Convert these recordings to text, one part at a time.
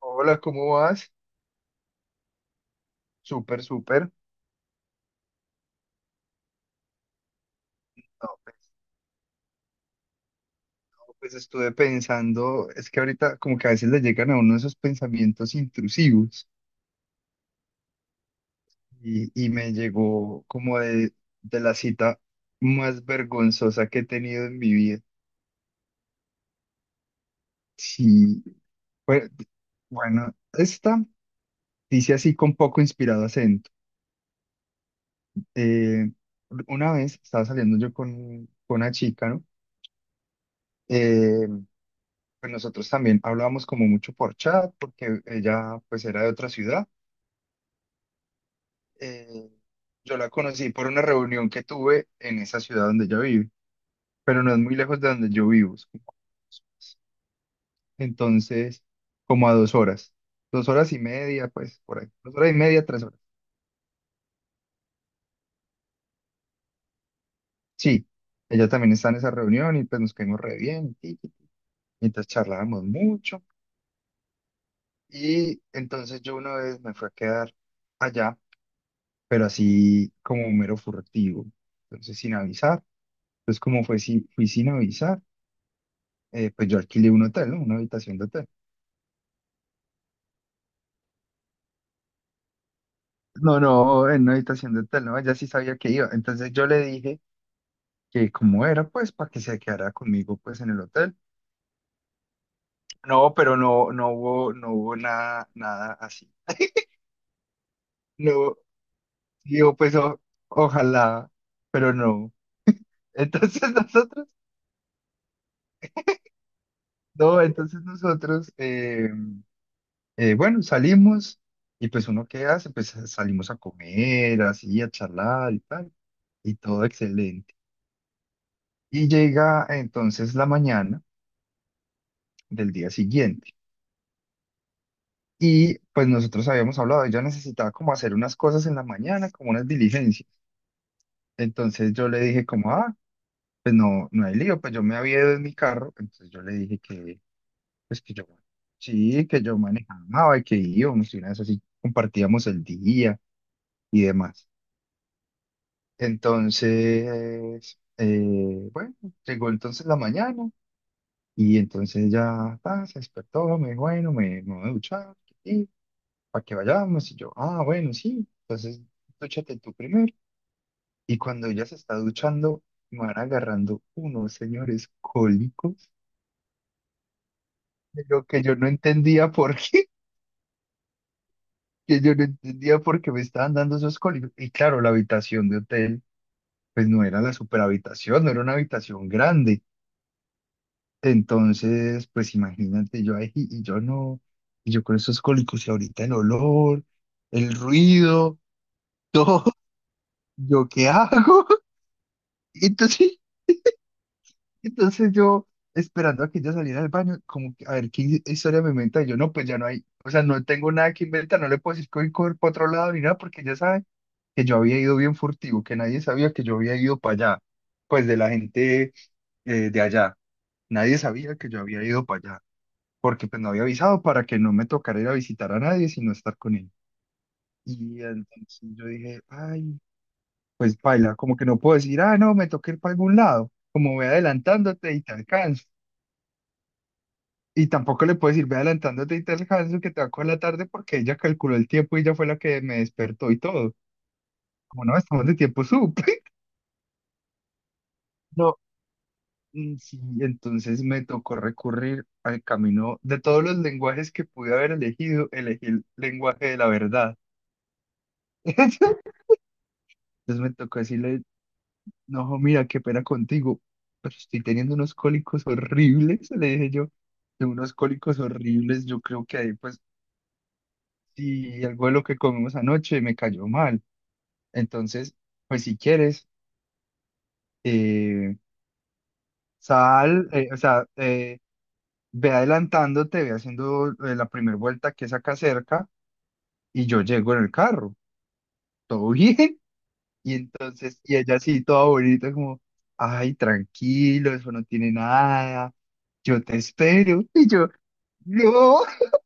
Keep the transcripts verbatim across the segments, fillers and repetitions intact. Hola, ¿cómo vas? Súper, súper. No, pues estuve pensando, es que ahorita como que a veces le llegan a uno esos pensamientos intrusivos y, y me llegó como de, de la cita más vergonzosa que he tenido en mi vida. Sí, fue- bueno, esta dice así con poco inspirado acento. Eh, una vez estaba saliendo yo con, con una chica, ¿no? Eh, pues nosotros también hablábamos como mucho por chat porque ella pues era de otra ciudad. Eh, yo la conocí por una reunión que tuve en esa ciudad donde ella vive, pero no es muy lejos de donde yo vivo. es como- Entonces, como a dos horas, dos horas y media, pues por ahí, dos horas y media, tres horas. Sí, ella también está en esa reunión y pues nos caímos re bien, y, y- mientras charlábamos mucho. Y entonces yo una vez me fui a quedar allá, pero así como mero furtivo, entonces sin avisar. Entonces, como fue, si, fui sin avisar. Eh, pues yo alquilé un hotel, ¿no? Una habitación de hotel. No, no, en una habitación de hotel, no, ella sí sabía que iba. Entonces yo le dije que cómo era, pues, para que se quedara conmigo, pues, en el hotel. No, pero no, no hubo, no hubo nada, nada así. No, digo, pues, o- ojalá, pero no. Entonces nosotros, no, entonces nosotros, eh, eh, bueno, salimos y pues uno qué hace, pues salimos a comer, así, a charlar y tal, y todo excelente. Y llega entonces la mañana del día siguiente. Y pues nosotros habíamos hablado, ella necesitaba como hacer unas cosas en la mañana, como unas diligencias. Entonces yo le dije como, ah, pues no, no hay lío, pues yo me había ido en mi carro. Entonces yo le dije que, pues que yo, sí, que yo manejaba y que íbamos y una vez así compartíamos el día y demás. Entonces, eh, bueno, llegó entonces la mañana y entonces ya ta, se despertó, me dijo, bueno, me, me voy a duchar. Para que vayamos. Y yo, ah, bueno, sí, entonces dúchate tú primero. Y cuando ella se está duchando, me van agarrando unos señores cólicos. De Lo que yo no entendía por qué, que yo no entendía por qué me estaban dando esos cólicos. Y claro, la habitación de hotel, pues no era la superhabitación, no era una habitación grande. Entonces, pues imagínate, yo ahí y yo no, y yo con esos cólicos y ahorita el olor, el ruido, todo, ¿yo qué hago? Entonces Entonces yo, esperando a que ella saliera del baño, como que, a ver, ¿qué hi- historia me inventa? Y yo, no, pues ya no hay, o sea, no tengo nada que inventar, no le puedo decir que voy por otro lado ni nada, porque ella sabe que yo había ido bien furtivo, que nadie sabía que yo había ido para allá, pues de la gente eh, de allá, nadie sabía que yo había ido para allá, porque pues no había avisado para que no me tocara ir a visitar a nadie, sino estar con él. Y entonces yo dije, ay, pues baila, como que no puedo decir, ah, no, me toqué ir para algún lado, como voy adelantándote y te alcanzo. Y tampoco le puedes ir ve adelantándote y te eso que te va a coger la tarde porque ella calculó el tiempo y ella fue la que me despertó y todo. Como no, estamos de tiempo sup No, mm, sí, entonces me tocó recurrir al camino de todos los lenguajes que pude haber elegido, elegí el lenguaje de la verdad. Entonces me tocó decirle, no, jo, mira, qué pena contigo, pero estoy teniendo unos cólicos horribles, le dije yo, de unos cólicos horribles, yo creo que ahí pues sí, algo de lo que comimos anoche me cayó mal. Entonces, pues si quieres, eh, sal, eh, o sea, eh, ve adelantándote, ve haciendo eh, la primera vuelta que es acá cerca y yo llego en el carro, todo bien. Y entonces, y ella así, toda bonita, como, ay, tranquilo, eso no tiene nada, yo te espero. Y yo, no,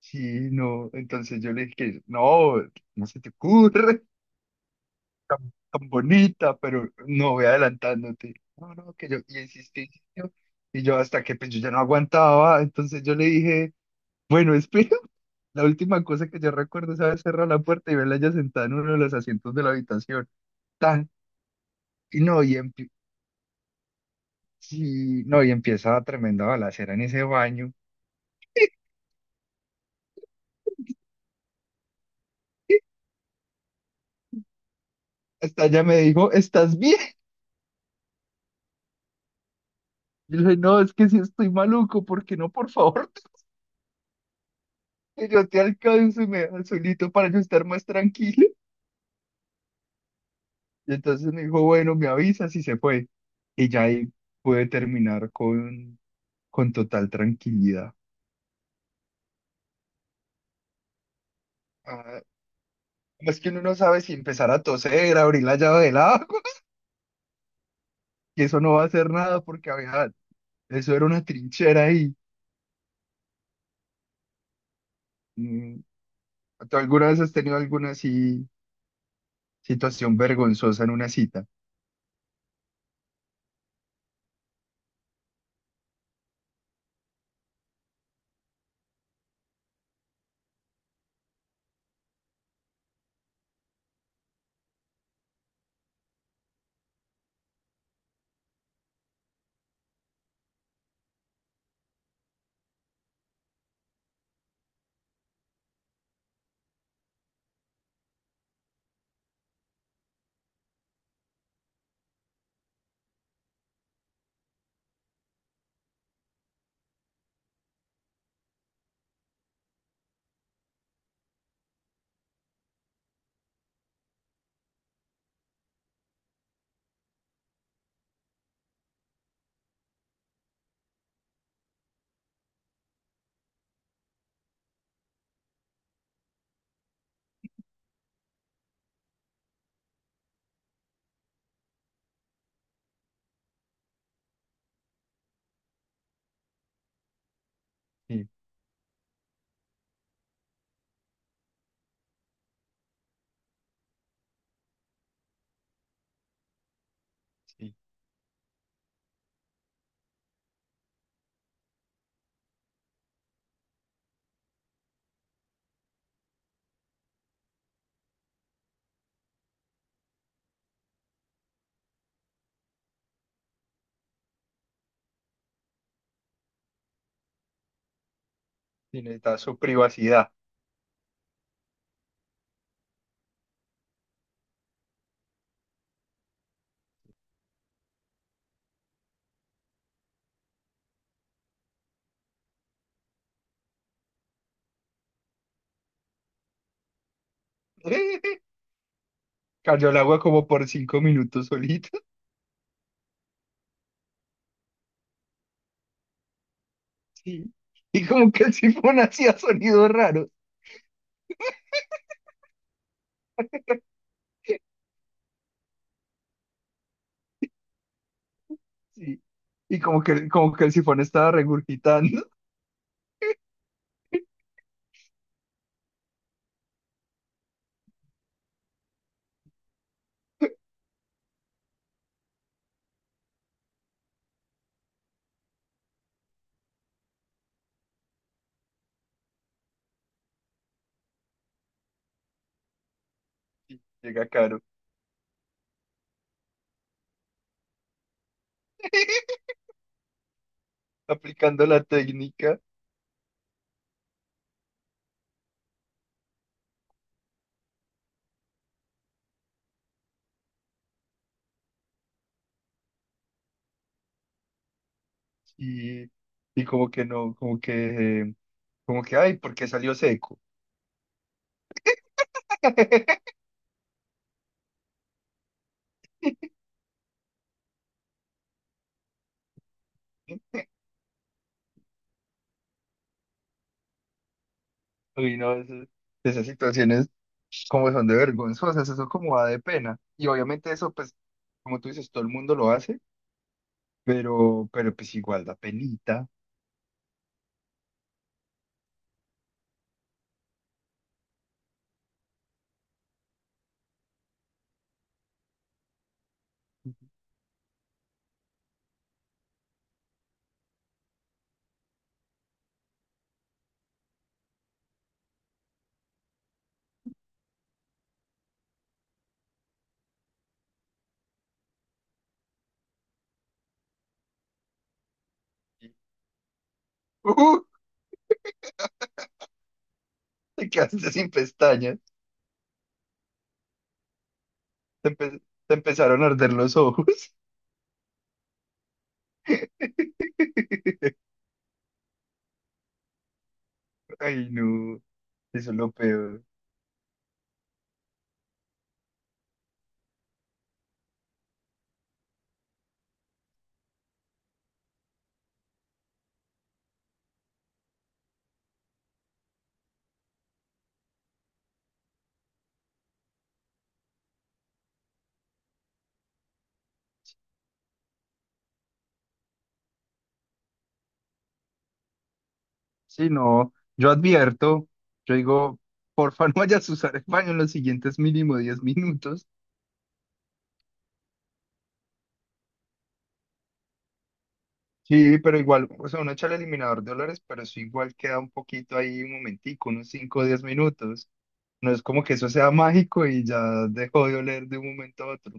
sí, no. Entonces yo le dije, no, no se te ocurre. Tan, tan bonita, pero no voy adelantándote. No, no, que yo, y insistí, insistió, y yo hasta que pues yo ya no aguantaba, entonces yo le dije, bueno, espera, la última cosa que yo recuerdo, ¿sabes? Cerrar la puerta y verla ya sentada en uno de los asientos de la habitación, tan, y no, y, empie- sí, no, y empieza la tremenda balacera en ese baño. Hasta ella me dijo, ¿estás bien? Yo le dije, no, es que sí estoy maluco, ¿por qué no? Por favor, que yo te alcanzo y me dejas solito para yo estar más tranquilo. Y entonces me dijo, bueno, me avisas y se fue. Y ya ahí pude terminar con, con total tranquilidad. Ah, es que uno no sabe si empezar a toser, abrir la llave del agua, que eso no va a hacer nada porque había, eso era una trinchera ahí. Mm, ¿Tú alguna vez has tenido alguna así situación vergonzosa en una cita? Sí, sí, sí, necesitas su privacidad. Cayó el agua como por cinco minutos solita. Sí. Y como que el sifón hacía sonidos raros. Sí. Y como que, como que el sifón estaba regurgitando. Y llega Caro, aplicando la técnica. Y, y como que no, como que, eh, como que, ay, porque salió seco. Uy, no, eso- esas situaciones como son de vergonzosas, eso como da de pena. Y obviamente eso, pues, como tú dices, todo el mundo lo hace, pero, pero pues igual da penita. ¡Uh! Te quedaste sin pestañas. Te, empe- Te empezaron a arder los ojos. Ay, no, eso es lo peor. Sí, no, yo advierto, yo digo, porfa, no vayas a usar el baño en los siguientes mínimo diez minutos. Sí, pero igual, o sea, uno echa el eliminador de olores, pero eso igual queda un poquito ahí, un momentico, unos cinco o diez minutos. No es como que eso sea mágico y ya dejó de oler de un momento a otro.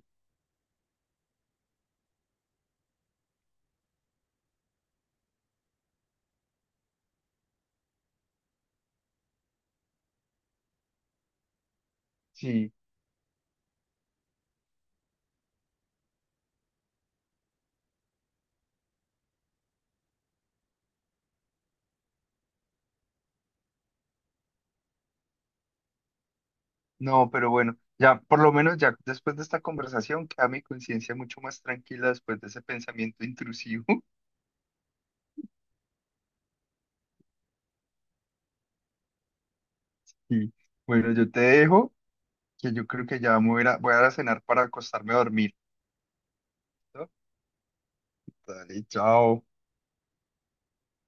Sí, no, pero bueno, ya, por lo menos ya después de esta conversación queda mi conciencia mucho más tranquila después de ese pensamiento intrusivo. Y bueno, yo te dejo, que yo creo que ya me voy a, ir a- voy a ir a cenar para acostarme a dormir. Dale, chao.